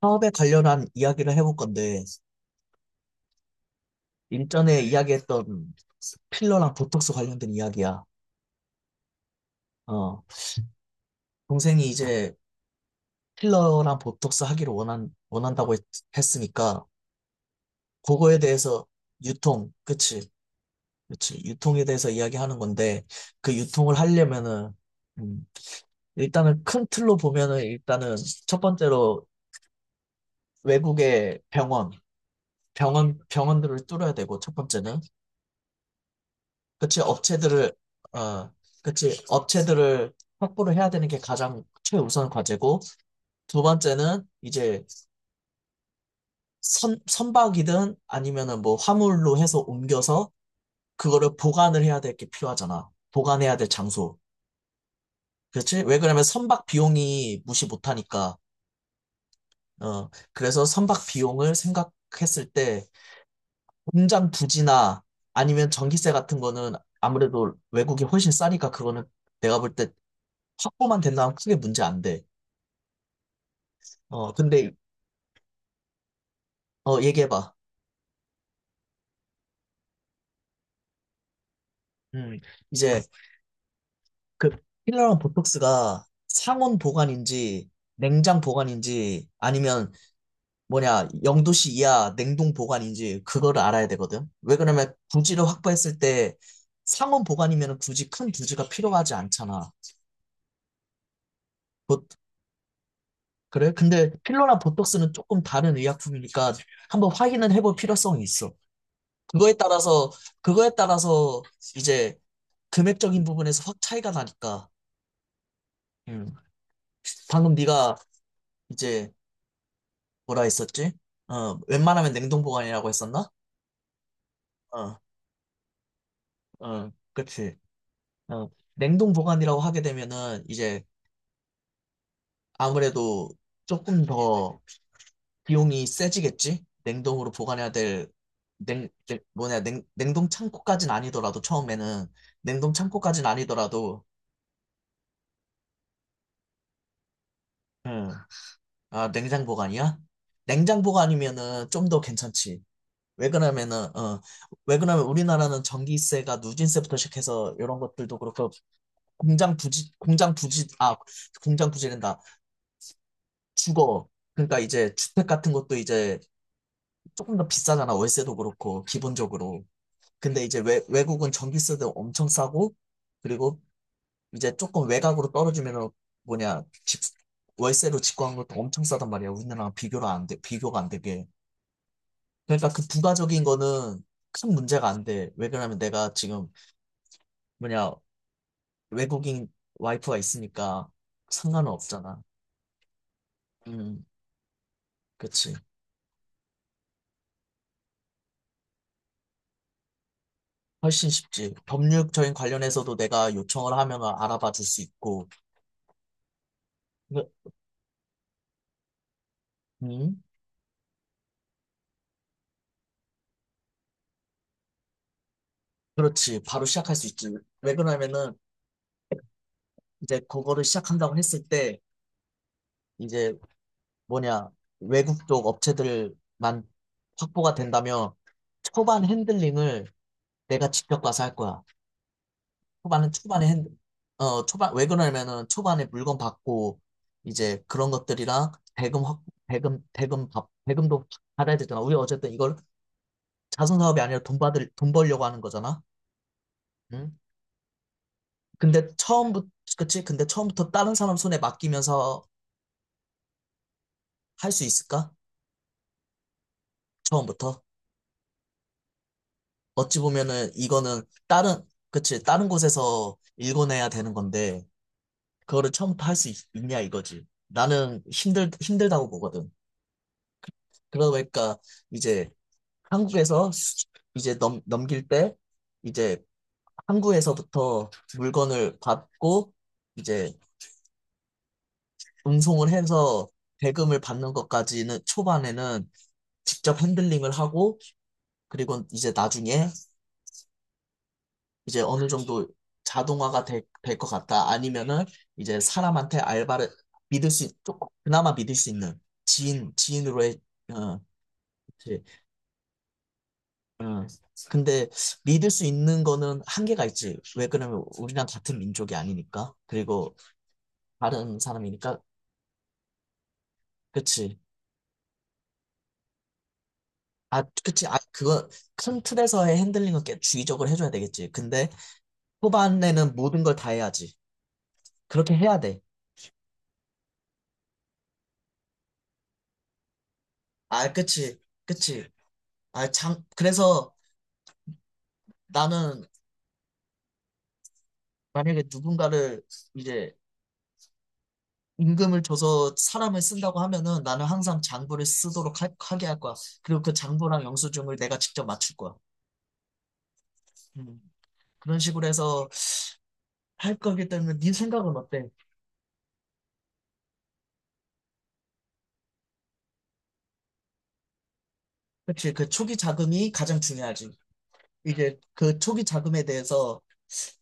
사업에 관련한 이야기를 해볼 건데, 일전에 이야기했던 필러랑 보톡스 관련된 이야기야. 어, 동생이 이제 필러랑 보톡스 하기를 원한다고 했, 으니까 그거에 대해서 유통, 그치? 그치? 유통에 대해서 이야기하는 건데, 그 유통을 하려면은, 음, 일단은 큰 틀로 보면은, 일단은 첫 번째로 외국의 병원들을 뚫어야 되고, 첫 번째는. 그치, 업체들을, 어, 그치, 업체들을 확보를 해야 되는 게 가장 최우선 과제고, 두 번째는 이제 선박이든 아니면은 뭐 화물로 해서 옮겨서 그거를 보관을 해야 될 게 필요하잖아. 보관해야 될 장소. 그렇지? 왜 그러냐면 선박 비용이 무시 못하니까. 어, 그래서 선박 비용을 생각했을 때 공장 부지나 아니면 전기세 같은 거는 아무래도 외국이 훨씬 싸니까 그거는 내가 볼 때 확보만 된다면 크게 문제 안 돼. 어, 근데, 어, 얘기해봐. 음, 이제, 그, 필러랑 보톡스가 상온 보관인지, 냉장 보관인지, 아니면, 뭐냐, 0℃ 이하 냉동 보관인지, 그거를 알아야 되거든. 왜 그러냐면, 부지를 확보했을 때, 상온 보관이면 굳이 큰 부지가 필요하지 않잖아. 보- 그래? 근데 필러랑 보톡스는 조금 다른 의약품이니까, 한번 확인은 해볼 필요성이 있어. 그거에 따라서, 그거에 따라서, 이제, 금액적인 부분에서 확 차이가 나니까, 음. 방금 네가 이제 뭐라 했었지? 어, 웬만하면 냉동 보관이라고 했었나? 어, 어, 그치. 어, 냉동 보관이라고 하게 되면은 이제 아무래도 조금 더 비용이 세지겠지? 냉동으로 보관해야 될 냉동 창고까진 아니더라도 처음에는 냉동 창고까진 아니더라도 응. 아, 냉장 보관이야? 냉장 보관이면은 좀 더 괜찮지. 왜 그러냐면은 어, 왜 그러냐면 우리나라는 전기세가 누진세부터 시작해서 이런 것들도 그렇고 공장 부지 공장 부지 아 공장 부지된다 주거 그러니까 이제 주택 같은 것도 이제 조금 더 비싸잖아. 월세도 그렇고 기본적으로. 근데 이제 외국은 전기세도 엄청 싸고 그리고 이제 조금 외곽으로 떨어지면은 뭐냐 집 월세로 집구한 것도 엄청 싸단 말이야. 우리나라랑 비교를 안 돼, 비교가 안 되게. 그러니까 그 부가적인 거는 큰 문제가 안 돼. 왜 그러냐면 내가 지금 뭐냐, 외국인 와이프가 있으니까 상관은 없잖아. 음, 그치. 훨씬 쉽지. 법률적인 관련해서도 내가 요청을 하면 알아봐 줄 수 있고. 그- 음, 그렇지. 바로 시작할 수 있지. 왜 그러냐면은 이제 그거를 시작한다고 했을 때 이제 뭐냐, 외국 쪽 업체들만 확보가 된다면 초반 핸들링을 내가 직접 가서 할 거야. 초반은 초반에 핸- 어 초반 왜 그러냐면은 초반에 물건 받고 이제 그런 것들이랑 대금 확 대금 대금 받 대금도 받아야 되잖아. 우리 어쨌든 이걸 자선 사업이 아니라 돈 벌려고 하는 거잖아. 응? 근데 처음부터 그치? 근데 처음부터 다른 사람 손에 맡기면서 할 수 있을까? 처음부터 어찌 보면은 이거는 다른 그치? 다른 곳에서 일궈내야 되는 건데 그거를 처음부터 할 수 있냐 이거지. 나는 힘들다고 보거든. 그러니까 이제 한국에서 이제 넘길 때 이제 항구에서부터 물건을 받고 이제 운송을 해서 대금을 받는 것까지는 초반에는 직접 핸들링을 하고 그리고 이제 나중에 이제 어느 정도 자동화가 될 것 같다. 아니면은 이제 사람한테 알바를 조금 그나마 믿을 수 있는 지인으로의, 어, 그치. 응. 근데 믿을 수 있는 거는 한계가 있지. 왜 그러면 우리랑 같은 민족이 아니니까. 그리고 다른 사람이니까. 그치. 아, 그치. 아, 그거 큰 틀에서의 핸들링은 꽤 주의적으로 해줘야 되겠지. 근데 초반에는 모든 걸 다 해야지. 그렇게 해야 돼. 아, 그치. 그치. 아, 그래서 나는 만약에 누군가를 이제 임금을 줘서 사람을 쓴다고 하면은 나는 항상 장부를 쓰도록 하게 할 거야. 그리고 그 장부랑 영수증을 내가 직접 맞출 거야. 음. 그런 식으로 해서 할 거기 때문에 네 생각은 어때? 그치, 그 초기 자금이 가장 중요하지. 이제 그 초기 자금에 대해서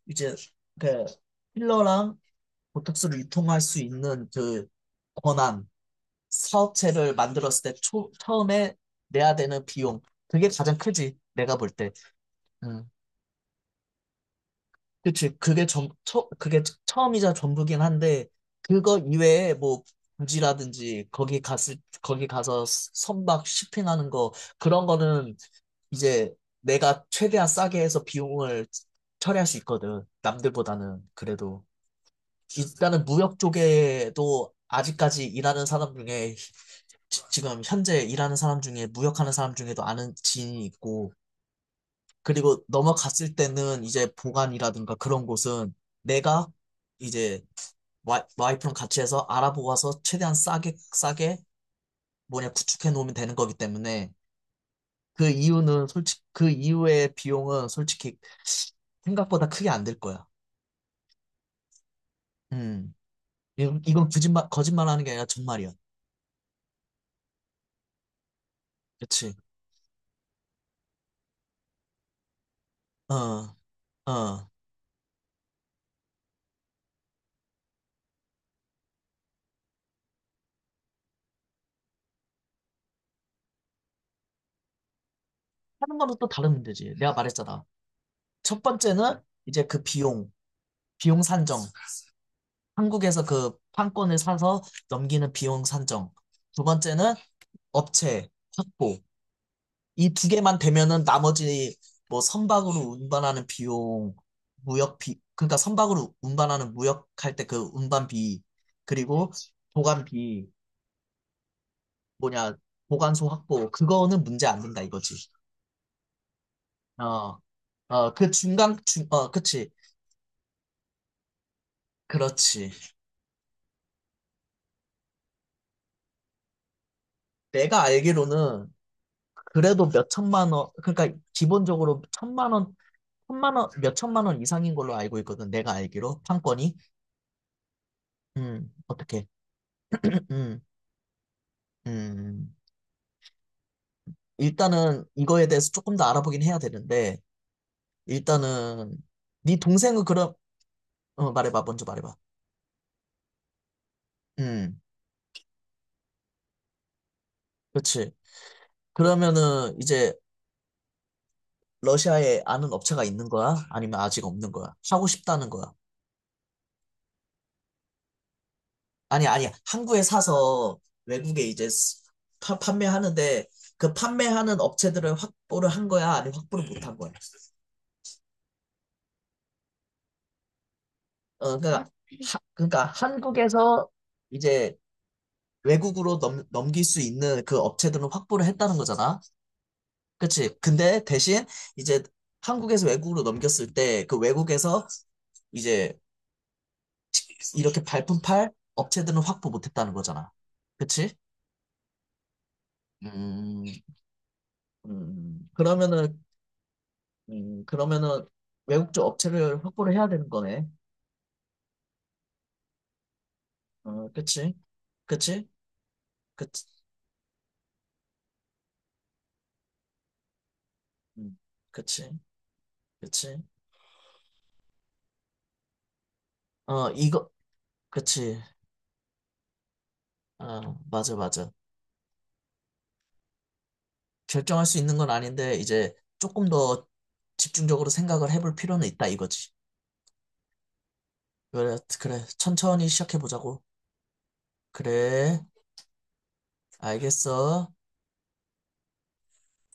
이제 그 필러랑 보톡스를 유통할 수 있는 그 권한, 사업체를 만들었을 때 처음에 내야 되는 비용, 그게 가장 크지, 내가 볼 때. 음. 그치, 그게 처음이자 전부긴 한데, 그거 이외에 뭐, 부지라든지, 거기 가서 선박 쇼핑하는 거, 그런 거는 이제 내가 최대한 싸게 해서 비용을 처리할 수 있거든. 남들보다는 그래도 일단은 무역 쪽에도 아직까지 일하는 사람 중에 지금 현재 일하는 사람 중에 무역하는 사람 중에도 아는 지인이 있고 그리고 넘어갔을 때는 이제 보관이라든가 그런 곳은 내가 이제 와이프랑 같이 해서 알아보아서 최대한 싸게 싸게 뭐냐 구축해 놓으면 되는 거기 때문에 그 이유는 솔직 그 이후의 비용은 솔직히 생각보다 크게 안 들 거야. 음. 이건 거짓말 하는 게 아니라 정말이야. 그치? 어. 어. 하는 거는 또 다른 문제지. 내가 말했잖아. 첫 번째는 이제 비용 산정. 한국에서 그 판권을 사서 넘기는 비용 산정. 두 번째는 업체 확보. 이 두 개만 되면은 나머지 뭐 선박으로 운반하는 비용, 무역비, 그러니까 선박으로 운반하는 무역할 때 그 운반비, 그리고 보관비, 뭐냐, 보관소 확보, 그거는 문제 안 된다 이거지. 어, 어, 그 중간, 그치. 그렇지. 내가 알기로는 그래도 몇 천만 원, 그러니까 기본적으로 1,000만 원, 1,000만 원, 몇 천만 원 이상인 걸로 알고 있거든. 내가 알기로. 판권이. 어떻게. 음, 음. 일단은 이거에 대해서 조금 더 알아보긴 해야 되는데, 일단은 네 동생은 그럼 어, 먼저 말해봐. 음, 그렇지. 그러면은 이제 러시아에 아는 업체가 있는 거야? 아니면 아직 없는 거야? 하고 싶다는 거야? 아니, 아니야. 한국에 사서 외국에 이제 판매하는데 그 판매하는 업체들을 확보를 한 거야? 아니면 확보를 못한 거야? 어, 그러니까 한국에서 이제 외국으로 넘길 수 있는 그 업체들은 확보를 했다는 거잖아? 그치. 근데 대신 이제 한국에서 외국으로 넘겼을 때 그 외국에서 이제 이렇게 발품 팔 업체들은 확보 못했다는 거잖아. 그치? 음, 음, 그러면은, 그러면은 외국 쪽 업체를 확보를 해야 되는 거네. 어, 그치? 그치? 그치? 음, 그치? 그치? 어, 이거, 그치. 어, 맞아, 맞아. 결정할 수 있는 건 아닌데 이제 조금 더 집중적으로 생각을 해볼 필요는 있다 이거지. 그래, 그래. 천천히 시작해보자고. 그래, 알겠어.